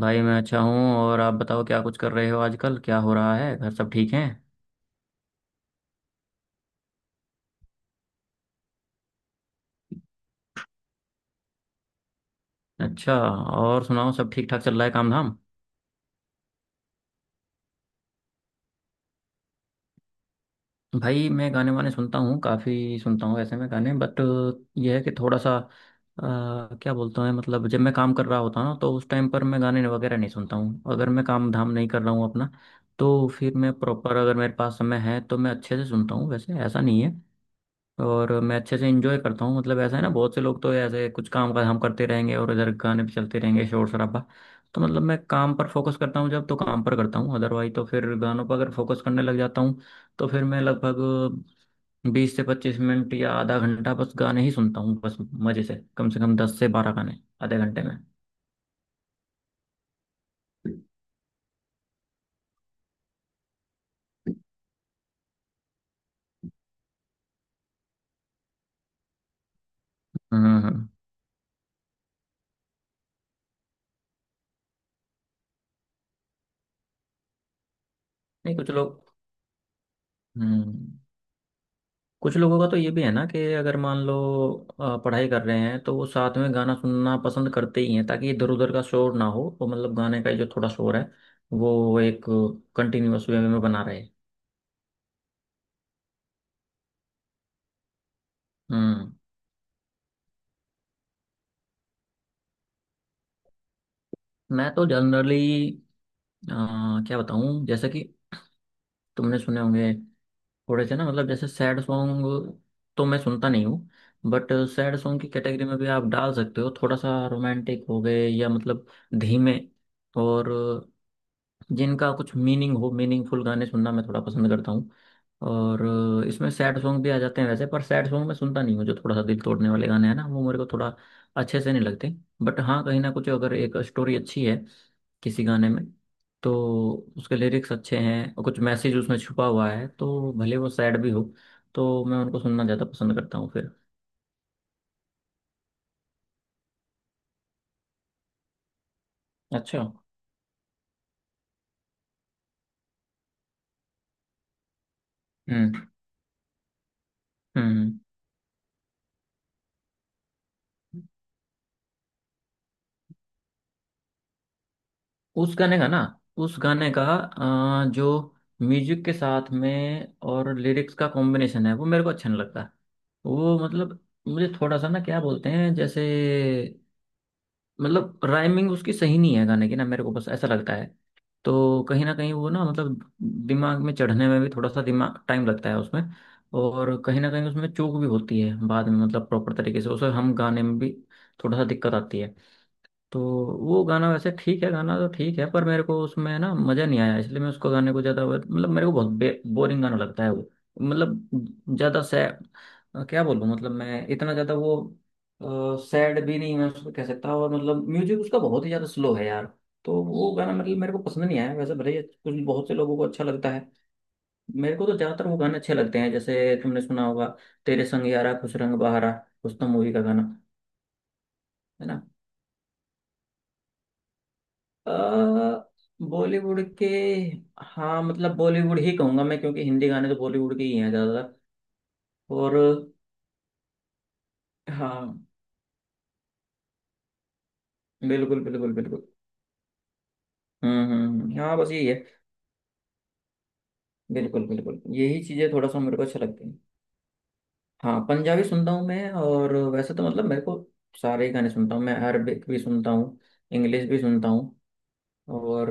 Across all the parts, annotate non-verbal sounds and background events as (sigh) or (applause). भाई मैं अच्छा हूँ। और आप बताओ, क्या कुछ कर रहे हो आजकल? क्या हो रहा है? घर सब ठीक हैं? अच्छा। और सुनाओ, सब ठीक ठाक चल रहा है काम धाम? भाई मैं गाने वाने सुनता हूँ, काफ़ी सुनता हूँ ऐसे में गाने। बट यह है कि थोड़ा सा क्या बोलते हैं, मतलब जब मैं काम कर रहा होता हूँ ना तो उस टाइम पर मैं गाने वगैरह नहीं सुनता हूँ। अगर मैं काम धाम नहीं कर रहा हूँ अपना तो फिर मैं प्रॉपर, अगर मेरे पास समय है तो मैं अच्छे से सुनता हूँ, वैसे ऐसा नहीं है। और मैं अच्छे से इंजॉय करता हूँ। मतलब ऐसा है ना, बहुत से लोग तो ऐसे कुछ काम का हम करते रहेंगे और इधर गाने पे चलते रहेंगे, शोर शराबा। तो मतलब मैं काम पर फोकस करता हूँ, जब तो काम पर करता हूँ, अदरवाइज तो फिर गानों पर अगर फोकस करने लग जाता हूँ तो फिर मैं लगभग बीस से पच्चीस मिनट या आधा घंटा बस गाने ही सुनता हूँ, बस मजे से, कम से कम दस से बारह गाने आधे घंटे में। हम्म हम्म। नहीं कुछ लोग, हम्म कुछ लोगों का तो ये भी है ना कि अगर मान लो पढ़ाई कर रहे हैं तो वो साथ में गाना सुनना पसंद करते ही हैं, ताकि इधर उधर का शोर ना हो, तो मतलब गाने का जो थोड़ा शोर है वो एक कंटिन्यूअस वे में बना रहे। हम्म। मैं तो जनरली, क्या बताऊं, जैसे कि तुमने सुने होंगे थोड़े से ना, मतलब जैसे सैड सॉन्ग तो मैं सुनता नहीं हूँ। बट सैड सॉन्ग की कैटेगरी में भी आप डाल सकते हो थोड़ा सा रोमांटिक हो गए या मतलब धीमे, और जिनका कुछ मीनिंग हो, मीनिंगफुल गाने सुनना मैं थोड़ा पसंद करता हूँ। और इसमें सैड सॉन्ग भी आ जाते हैं वैसे, पर सैड सॉन्ग मैं सुनता नहीं हूँ, जो थोड़ा सा दिल तोड़ने वाले गाने हैं ना, वो मेरे को थोड़ा अच्छे से नहीं लगते। बट हाँ, कहीं ना कुछ अगर एक स्टोरी अच्छी है किसी गाने में, तो उसके लिरिक्स अच्छे हैं और कुछ मैसेज उसमें छुपा हुआ है, तो भले वो सैड भी हो, तो मैं उनको सुनना ज़्यादा पसंद करता हूँ फिर। अच्छा। हम्म हम्म। उस गाने का ना, उस गाने का जो म्यूजिक के साथ में और लिरिक्स का कॉम्बिनेशन है वो मेरे को अच्छा नहीं लगता। वो मतलब मुझे थोड़ा सा ना, क्या बोलते हैं, जैसे मतलब राइमिंग उसकी सही नहीं है गाने की ना, मेरे को बस ऐसा लगता है। तो कहीं ना कहीं वो ना, मतलब दिमाग में चढ़ने में भी थोड़ा सा दिमाग टाइम लगता है उसमें। और कहीं ना कहीं उसमें चूक भी होती है बाद में, मतलब प्रॉपर तरीके से उसे हम गाने में भी थोड़ा सा दिक्कत आती है। तो वो गाना वैसे ठीक है, गाना तो ठीक है पर मेरे को उसमें ना मज़ा नहीं आया, इसलिए मैं उसको गाने को ज़्यादा, मतलब मेरे को बहुत बोरिंग गाना लगता है वो। मतलब ज़्यादा सैड, क्या बोलूँ, मतलब मैं इतना ज़्यादा वो सैड भी नहीं मैं उसको कह सकता, और मतलब म्यूजिक उसका बहुत ही ज़्यादा स्लो है यार। तो वो गाना मतलब मेरे को पसंद नहीं आया वैसे, भले ही कुछ बहुत से लोगों को अच्छा लगता है। मेरे को तो ज़्यादातर वो गाने अच्छे लगते हैं, जैसे तुमने सुना होगा, तेरे संग यारा खुश रंग बहारा, उस तो मूवी का गाना। है ना? बॉलीवुड के। हाँ, मतलब बॉलीवुड ही कहूंगा मैं क्योंकि हिंदी गाने तो बॉलीवुड के ही हैं ज्यादातर। और हाँ, बिल्कुल बिल्कुल बिल्कुल। हाँ बस यही है, बिल्कुल बिल्कुल, यही चीजें थोड़ा सा मेरे को अच्छा लगती है। हाँ पंजाबी सुनता हूँ मैं, और वैसे तो मतलब मेरे को सारे ही गाने सुनता हूँ मैं, अरबिक भी सुनता हूँ, इंग्लिश भी सुनता हूँ। और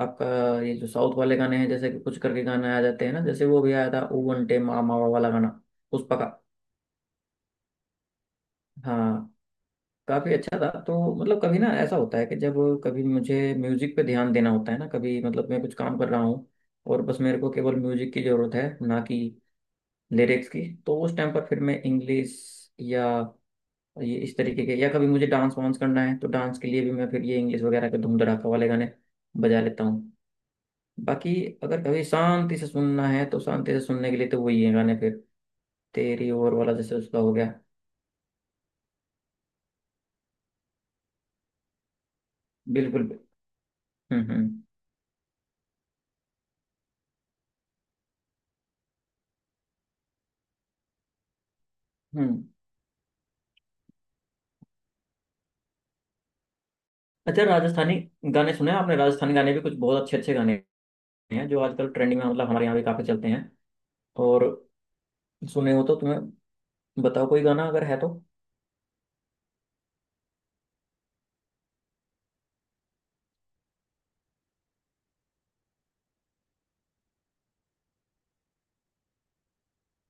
आपका ये जो साउथ वाले गाने हैं, जैसे कि कुछ करके गाने आ जाते हैं ना, जैसे वो भी आया था ओ वंटे मामा वाला गाना। पुष्पा का। हाँ, काफी अच्छा था। तो मतलब कभी ना ऐसा होता है कि जब कभी मुझे म्यूजिक पे ध्यान देना होता है ना, कभी मतलब मैं कुछ काम कर रहा हूँ और बस मेरे को केवल म्यूजिक की जरूरत है, ना कि लिरिक्स की, तो उस टाइम पर फिर मैं इंग्लिश या ये इस तरीके के, या कभी मुझे डांस वांस करना है तो डांस के लिए भी मैं फिर ये इंग्लिश वगैरह के धूम धड़ाका वाले गाने बजा लेता हूँ। बाकी अगर कभी शांति से सुनना है तो शांति से सुनने के लिए तो वही है गाने फिर, तेरी ओर वाला जैसे उसका हो गया। बिल्कुल। हम्म हम्म हम्म। अच्छा, राजस्थानी गाने सुने हैं आपने? राजस्थानी गाने भी कुछ बहुत अच्छे अच्छे गाने हैं, जो आजकल ट्रेंडिंग में, मतलब हमारे यहाँ भी काफी चलते हैं। और सुने हो तो तुम्हें बताओ कोई गाना अगर है तो।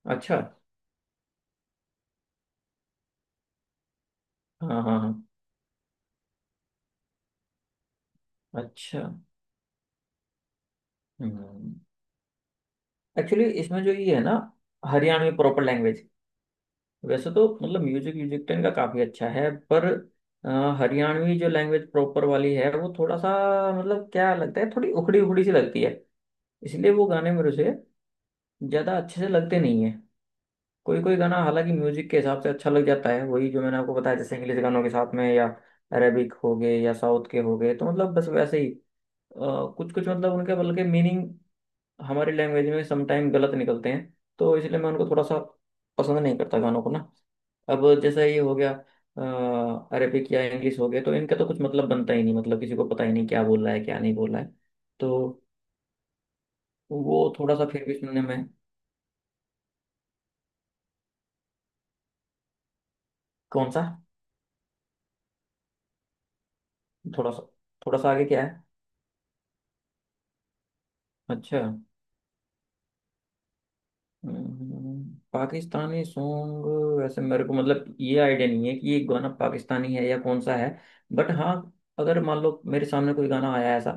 अच्छा। हाँ हाँ हाँ। अच्छा। हम्म। एक्चुअली इसमें जो ये है ना, हरियाणवी प्रॉपर लैंग्वेज, वैसे तो मतलब म्यूजिक म्यूजिक तो इनका काफी अच्छा है पर अ, हरियाणवी जो लैंग्वेज प्रॉपर वाली है वो थोड़ा सा, मतलब क्या लगता है, थोड़ी उखड़ी उखड़ी सी लगती है, इसलिए वो गाने मेरे से ज्यादा अच्छे से लगते नहीं है। कोई कोई गाना हालांकि म्यूजिक के हिसाब से अच्छा लग जाता है, वही जो मैंने आपको बताया, जैसे इंग्लिश गानों के साथ में, या अरेबिक हो गए, या साउथ के हो गए, तो मतलब बस वैसे ही कुछ कुछ, मतलब उनके बल्कि मीनिंग हमारी लैंग्वेज में समटाइम गलत निकलते हैं, तो इसलिए मैं उनको थोड़ा सा पसंद नहीं करता गानों को ना। अब जैसे ये हो गया अरेबिक या इंग्लिश हो गए, तो इनका तो कुछ मतलब बनता ही नहीं, मतलब किसी को पता ही नहीं क्या बोल रहा है क्या नहीं बोल रहा है, तो वो थोड़ा सा फिर भी सुनने में। कौन सा? थोड़ा सा, थोड़ा सा आगे क्या है? अच्छा। पाकिस्तानी सॉन्ग वैसे मेरे को मतलब ये आइडिया नहीं है कि ये गाना पाकिस्तानी है या कौन सा है। बट हाँ, अगर मान लो मेरे सामने कोई गाना आया ऐसा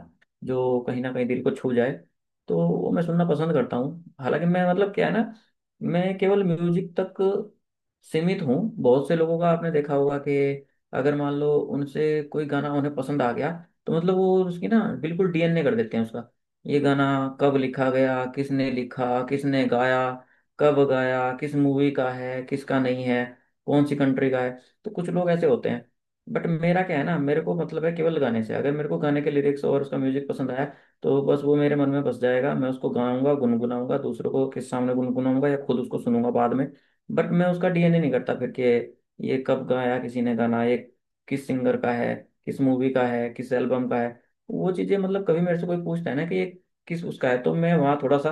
जो कहीं ना कहीं दिल को छू जाए, तो वो मैं सुनना पसंद करता हूँ। हालांकि मैं, मतलब क्या है ना, मैं केवल म्यूजिक तक सीमित हूँ। बहुत से लोगों का आपने देखा होगा कि अगर मान लो उनसे कोई गाना उन्हें पसंद आ गया, तो मतलब वो उसकी ना बिल्कुल डीएनए कर देते हैं उसका, ये गाना कब लिखा गया, किसने लिखा, किसने गाया, कब गाया, किस मूवी का है, किसका नहीं है, कौन सी कंट्री का है, तो कुछ लोग ऐसे होते हैं। बट मेरा क्या है ना, मेरे को मतलब है केवल गाने से, अगर मेरे को गाने के लिरिक्स और उसका म्यूजिक पसंद आया, तो बस वो मेरे मन में बस जाएगा, मैं उसको गाऊंगा गुनगुनाऊंगा, दूसरों को के सामने गुनगुनाऊंगा, या खुद उसको सुनूंगा बाद में। बट मैं उसका डीएनए नहीं करता फिर कि ये कब गाया किसी ने गाना, ये किस सिंगर का है, किस मूवी का है, किस एल्बम का है। वो चीजें मतलब कभी मेरे से कोई पूछता है ना कि ये किस उसका है, तो मैं वहाँ थोड़ा सा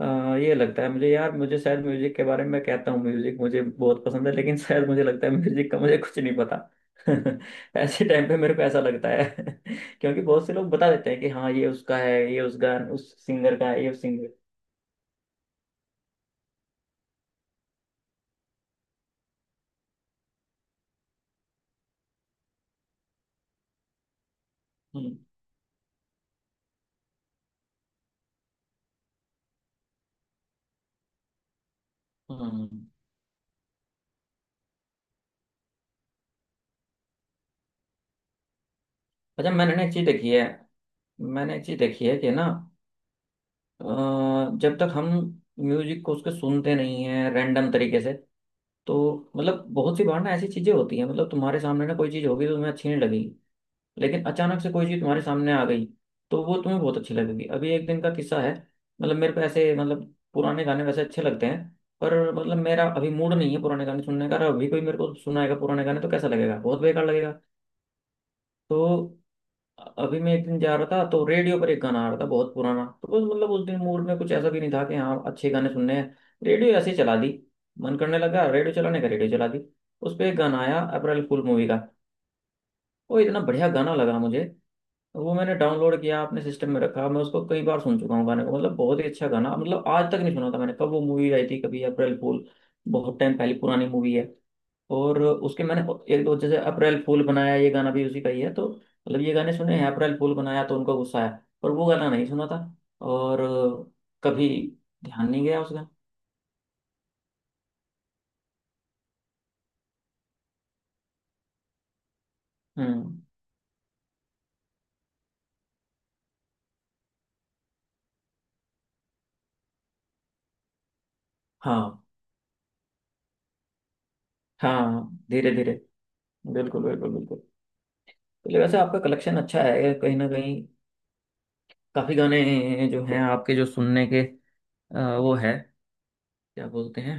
अ, ये लगता है मुझे यार, मुझे शायद म्यूजिक के बारे में कहता हूँ, म्यूजिक मुझे बहुत पसंद है लेकिन शायद मुझे लगता है म्यूजिक का मुझे कुछ नहीं पता। (laughs) ऐसे टाइम पे मेरे को ऐसा लगता है (laughs) क्योंकि बहुत से लोग बता देते हैं कि हाँ, ये उसका है, ये उस गान उस सिंगर का है, ये उस सिंगर। हम्म हम्म। अच्छा, मैंने ना एक चीज देखी है, मैंने एक चीज देखी है कि ना अ, जब तक हम म्यूजिक को उसके सुनते नहीं है रैंडम तरीके से, तो मतलब बहुत सी बार ना ऐसी चीजें होती हैं, मतलब तुम्हारे सामने ना कोई चीज होगी तो तुम्हें अच्छी नहीं लगी, लेकिन अचानक से कोई चीज तुम्हारे सामने आ गई तो वो तुम्हें बहुत अच्छी लगेगी। अभी एक दिन का किस्सा है, मतलब मेरे को ऐसे मतलब पुराने गाने वैसे अच्छे लगते हैं, पर मतलब मेरा अभी मूड नहीं है पुराने गाने सुनने का, और अभी कोई मेरे को सुनाएगा पुराने गाने तो कैसा लगेगा, बहुत बेकार लगेगा। तो अभी मैं एक दिन जा रहा था तो रेडियो पर एक गाना आ रहा था बहुत पुराना, तो बस मतलब उस दिन मूड में कुछ ऐसा भी नहीं था कि हाँ अच्छे गाने सुनने हैं, रेडियो ऐसे ही चला दी, मन करने लगा रेडियो चलाने का, रेडियो चला दी। उस पर एक गाना आया अप्रैल फूल मूवी का, वो इतना बढ़िया गाना लगा मुझे। वो मैंने डाउनलोड किया, अपने सिस्टम में रखा, मैं उसको कई बार सुन चुका हूँ गाने को, मतलब बहुत ही अच्छा गाना, मतलब आज तक नहीं सुना था मैंने। कब वो मूवी आई थी कभी अप्रैल फूल, बहुत टाइम पहले पुरानी मूवी है। और उसके मैंने एक दो जैसे अप्रैल फूल बनाया ये गाना भी उसी का ही है तो, मतलब ये गाने सुने हैं अप्रैल फूल बनाया तो उनका गुस्सा है, पर वो गाना नहीं सुना था और कभी ध्यान नहीं गया उसका। हम्म। हाँ हाँ, धीरे धीरे, बिल्कुल बिल्कुल बिल्कुल। तो वैसे आपका कलेक्शन अच्छा है कहीं ना कहीं, काफी गाने जो हैं आपके जो सुनने के वो है, क्या बोलते हैं।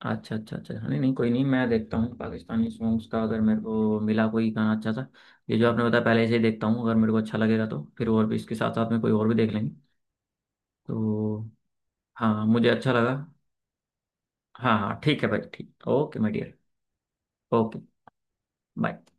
अच्छा अच्छा अच्छा, नहीं नहीं कोई नहीं, मैं देखता हूँ पाकिस्तानी सॉन्ग्स का, अगर मेरे को मिला कोई गाना अच्छा सा, ये जो आपने बताया पहले से ही देखता हूँ, अगर मेरे को अच्छा लगेगा तो फिर और भी इसके साथ साथ में कोई और भी देख लेंगे। तो हाँ, मुझे अच्छा लगा। हाँ हाँ ठीक है भाई, ठीक, okay my dear. Okay, bye.